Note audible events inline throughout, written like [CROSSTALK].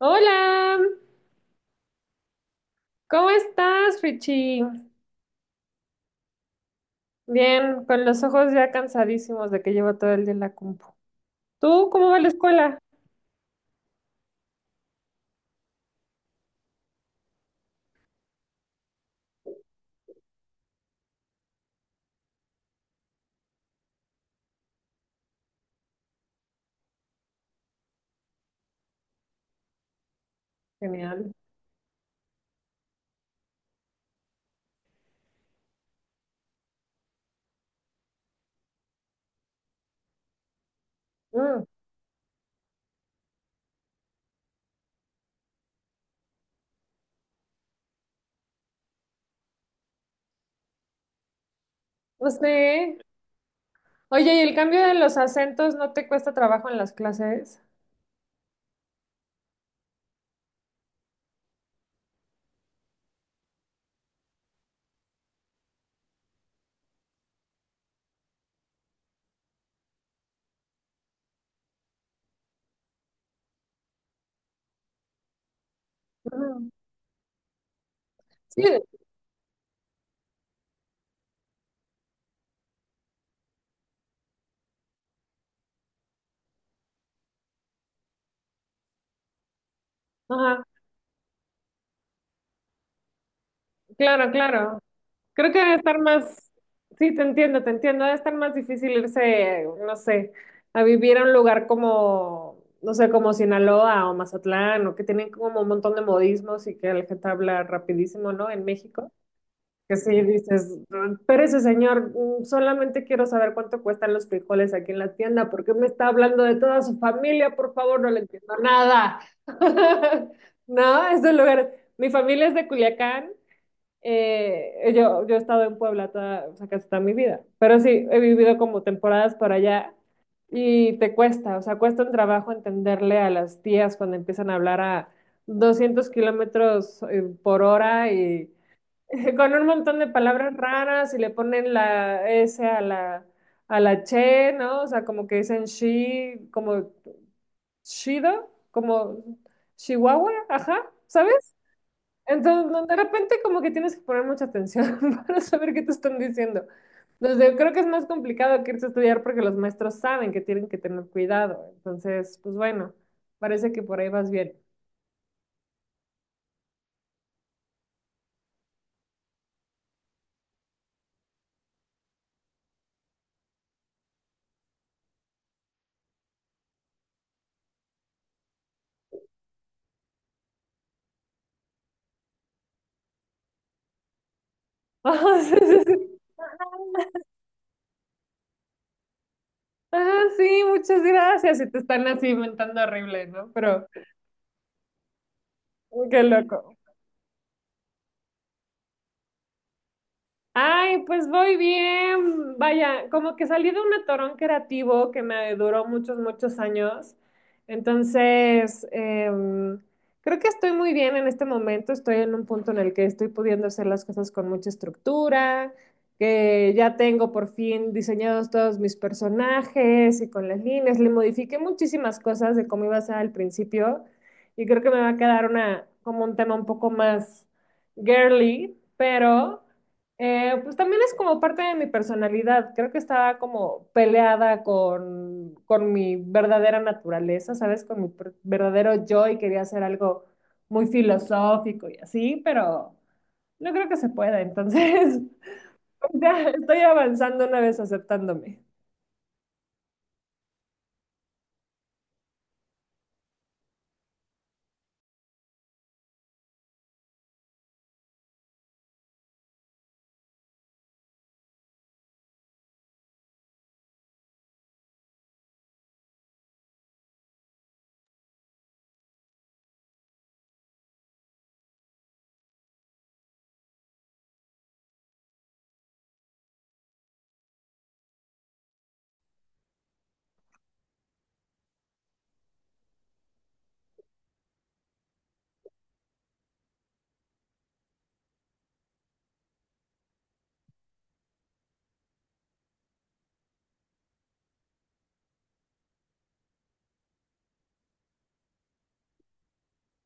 Hola, ¿cómo estás, Richie? Bien, con los ojos ya cansadísimos de que llevo todo el día en la compu. ¿Tú cómo va la escuela? Genial. Mm, no sé. Oye, ¿y el cambio de los acentos no te cuesta trabajo en las clases? Mm, sí. Ajá, claro, claro. Creo que debe estar más. Sí, te entiendo, debe estar más difícil irse, no sé, a vivir a un lugar como, no sé, como Sinaloa o Mazatlán, o que tienen como un montón de modismos y que la gente habla rapidísimo, ¿no? En México, que sí dices, pero ese señor, solamente quiero saber cuánto cuestan los frijoles aquí en la tienda, porque me está hablando de toda su familia, por favor, no le entiendo nada. [LAUGHS] No, es un lugar, mi familia es de Culiacán. Yo he estado en Puebla toda, o sea, casi toda mi vida, pero sí he vivido como temporadas por allá y te cuesta, o sea, cuesta un trabajo entenderle a las tías cuando empiezan a hablar a 200 kilómetros por hora y [LAUGHS] con un montón de palabras raras y le ponen la S a la che, ¿no? O sea, como que dicen she, como chido, como chihuahua, ajá, ¿sabes? Entonces, no, de repente como que tienes que poner mucha atención [LAUGHS] para saber qué te están diciendo. Entonces, creo que es más complicado que irse a estudiar porque los maestros saben que tienen que tener cuidado. Entonces, pues bueno, parece que por ahí vas bien. [LAUGHS] Ajá, sí, sí, sí. Ah, sí, muchas gracias. Y te están así inventando horrible, ¿no? Pero, qué loco. Ay, pues voy bien. Vaya, como que salí de un atorón creativo que me duró muchos, muchos años. Entonces, creo que estoy muy bien en este momento. Estoy en un punto en el que estoy pudiendo hacer las cosas con mucha estructura, que ya tengo por fin diseñados todos mis personajes y con las líneas. Le modifiqué muchísimas cosas de cómo iba a ser al principio y creo que me va a quedar una, como un tema un poco más girly, pero. Pues también es como parte de mi personalidad. Creo que estaba como peleada con mi verdadera naturaleza, ¿sabes? Con mi verdadero yo y quería hacer algo muy filosófico y así, pero no creo que se pueda. Entonces, [LAUGHS] ya estoy avanzando una vez aceptándome.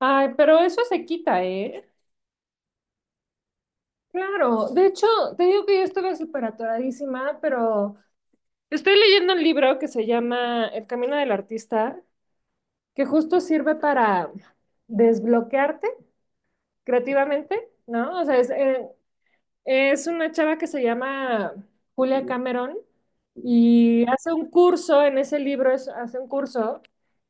Ay, pero eso se quita, ¿eh? Claro, de hecho, te digo que yo estuve súper atoradísima, pero estoy leyendo un libro que se llama El Camino del Artista que justo sirve para desbloquearte creativamente, ¿no? O sea, es una chava que se llama Julia Cameron y hace un curso, en ese libro hace un curso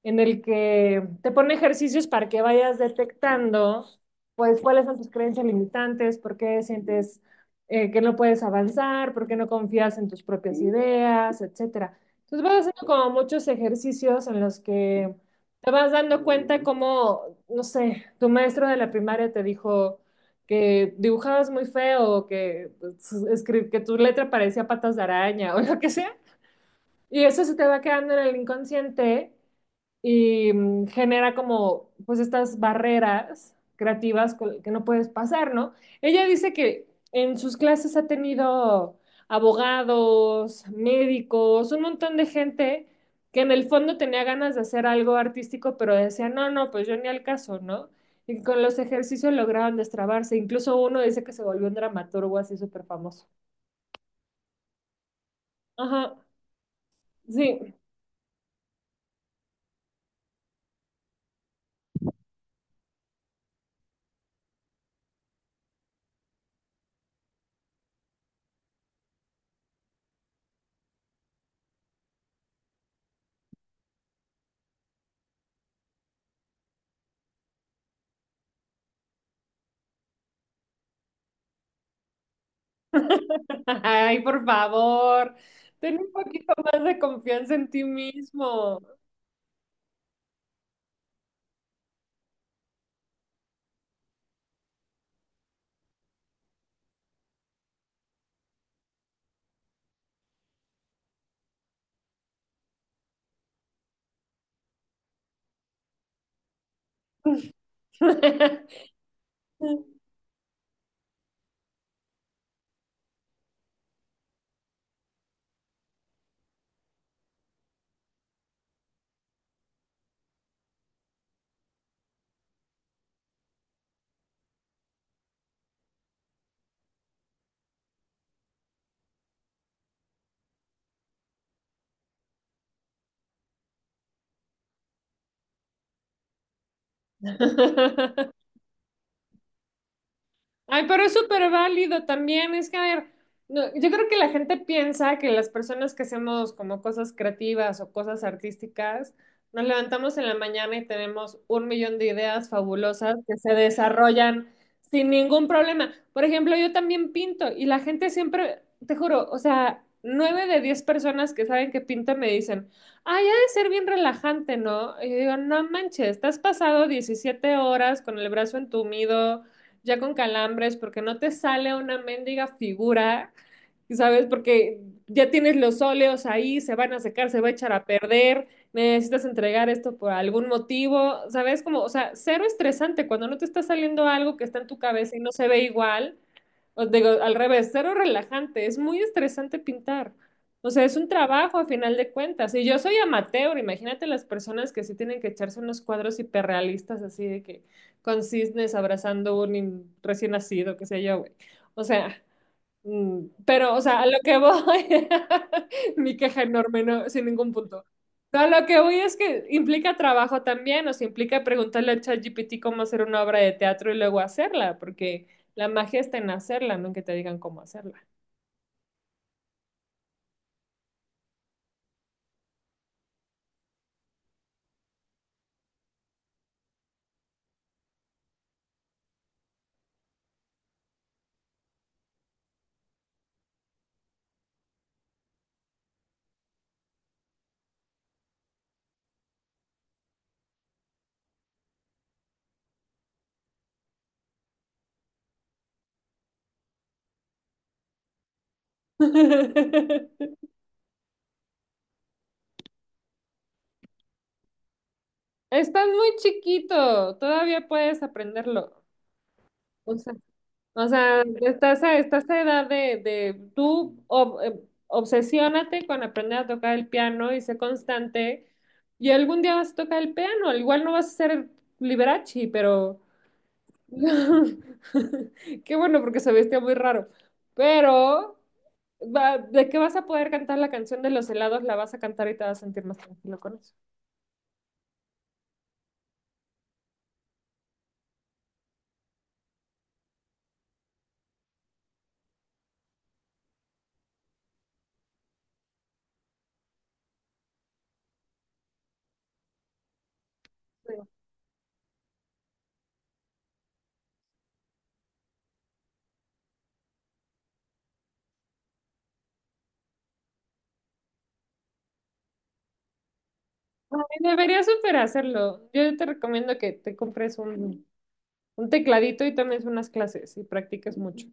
en el que te pone ejercicios para que vayas detectando, pues, cuáles son tus creencias limitantes, por qué sientes que no puedes avanzar, por qué no confías en tus propias ideas, etcétera. Entonces vas haciendo como muchos ejercicios en los que te vas dando cuenta cómo, no sé, tu maestro de la primaria te dijo que dibujabas muy feo, que, pues, que tu letra parecía patas de araña [LAUGHS] o lo que sea. Y eso se te va quedando en el inconsciente y genera como pues estas barreras creativas que no puedes pasar, ¿no? Ella dice que en sus clases ha tenido abogados, médicos, un montón de gente que en el fondo tenía ganas de hacer algo artístico, pero decía, no, no, pues yo ni al caso, ¿no? Y con los ejercicios lograron destrabarse. Incluso uno dice que se volvió un dramaturgo así súper famoso. Ajá, sí. [LAUGHS] Ay, por favor, ten un poquito más de confianza en ti mismo. [LAUGHS] Ay, pero es súper válido también. Es que, a ver, no, yo creo que la gente piensa que las personas que hacemos como cosas creativas o cosas artísticas, nos levantamos en la mañana y tenemos un millón de ideas fabulosas que se desarrollan sin ningún problema. Por ejemplo, yo también pinto y la gente siempre, te juro, o sea, 9 de 10 personas que saben que pinto me dicen, ay, ha de ser bien relajante, ¿no? Y yo digo, no manches, te has pasado 17 horas con el brazo entumido ya con calambres, porque no te sale una mendiga figura, ¿sabes? Porque ya tienes los óleos ahí, se van a secar, se va a echar a perder, necesitas entregar esto por algún motivo, ¿sabes? Como, o sea, cero estresante cuando no te está saliendo algo que está en tu cabeza y no se ve igual. Os digo, al revés, cero relajante, es muy estresante pintar. O sea, es un trabajo a final de cuentas. Y yo soy amateur, imagínate las personas que sí tienen que echarse unos cuadros hiperrealistas así de que con cisnes abrazando un recién nacido, qué sé yo, güey. O sea, pero, o sea, a lo que voy, [LAUGHS] mi queja enorme, no, sin ningún punto. No, a lo que voy es que implica trabajo también, o sea, implica preguntarle a ChatGPT cómo hacer una obra de teatro y luego hacerla, porque la magia está en hacerla, no en que te digan cómo hacerla. [LAUGHS] Estás muy chiquito, todavía puedes aprenderlo. O sea, estás a, estás a edad de tú obsesiónate con aprender a tocar el piano y sé constante. Y algún día vas a tocar el piano. Al igual no vas a ser Liberace, pero [LAUGHS] qué bueno porque se vestía muy raro. Pero de que vas a poder cantar la canción de los helados, la vas a cantar y te vas a sentir más tranquilo con eso. Sí. Ay, deberías super hacerlo. Yo te recomiendo que te compres un tecladito y también unas clases y practicas mucho.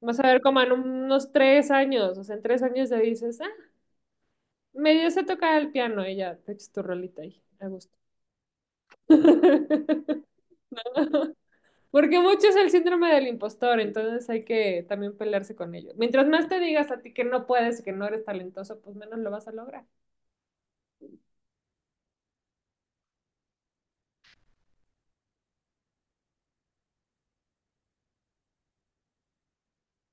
Vas a ver como en unos 3 años, o sea, en 3 años ya dices, ah, medio sé tocar el piano y ya te echas tu rolita ahí, a gusto. [LAUGHS] Porque mucho es el síndrome del impostor, entonces hay que también pelearse con ello. Mientras más te digas a ti que no puedes, que no eres talentoso, pues menos lo vas a lograr.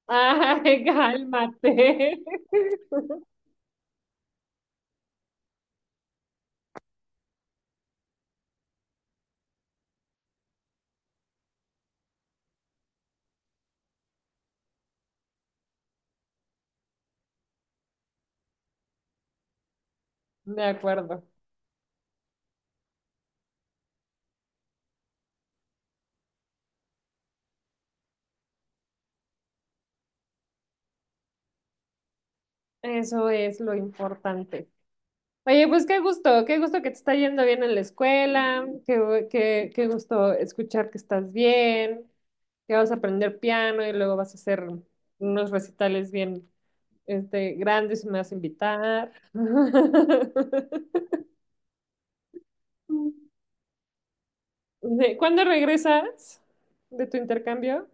Ay, cálmate. [LAUGHS] De acuerdo. Eso es lo importante. Oye, pues qué gusto que te está yendo bien en la escuela, qué gusto escuchar que estás bien, que vas a aprender piano y luego vas a hacer unos recitales bien, este, grandes y me vas a invitar. [LAUGHS] ¿Cuándo regresas de tu intercambio?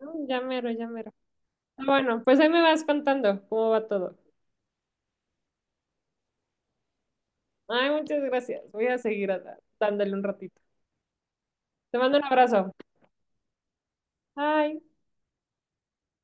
Ya mero, ya mero. Ah, bueno, pues ahí me vas contando cómo va todo. Ay, muchas gracias. Voy a seguir dándole un ratito. Te mando un abrazo. Bye.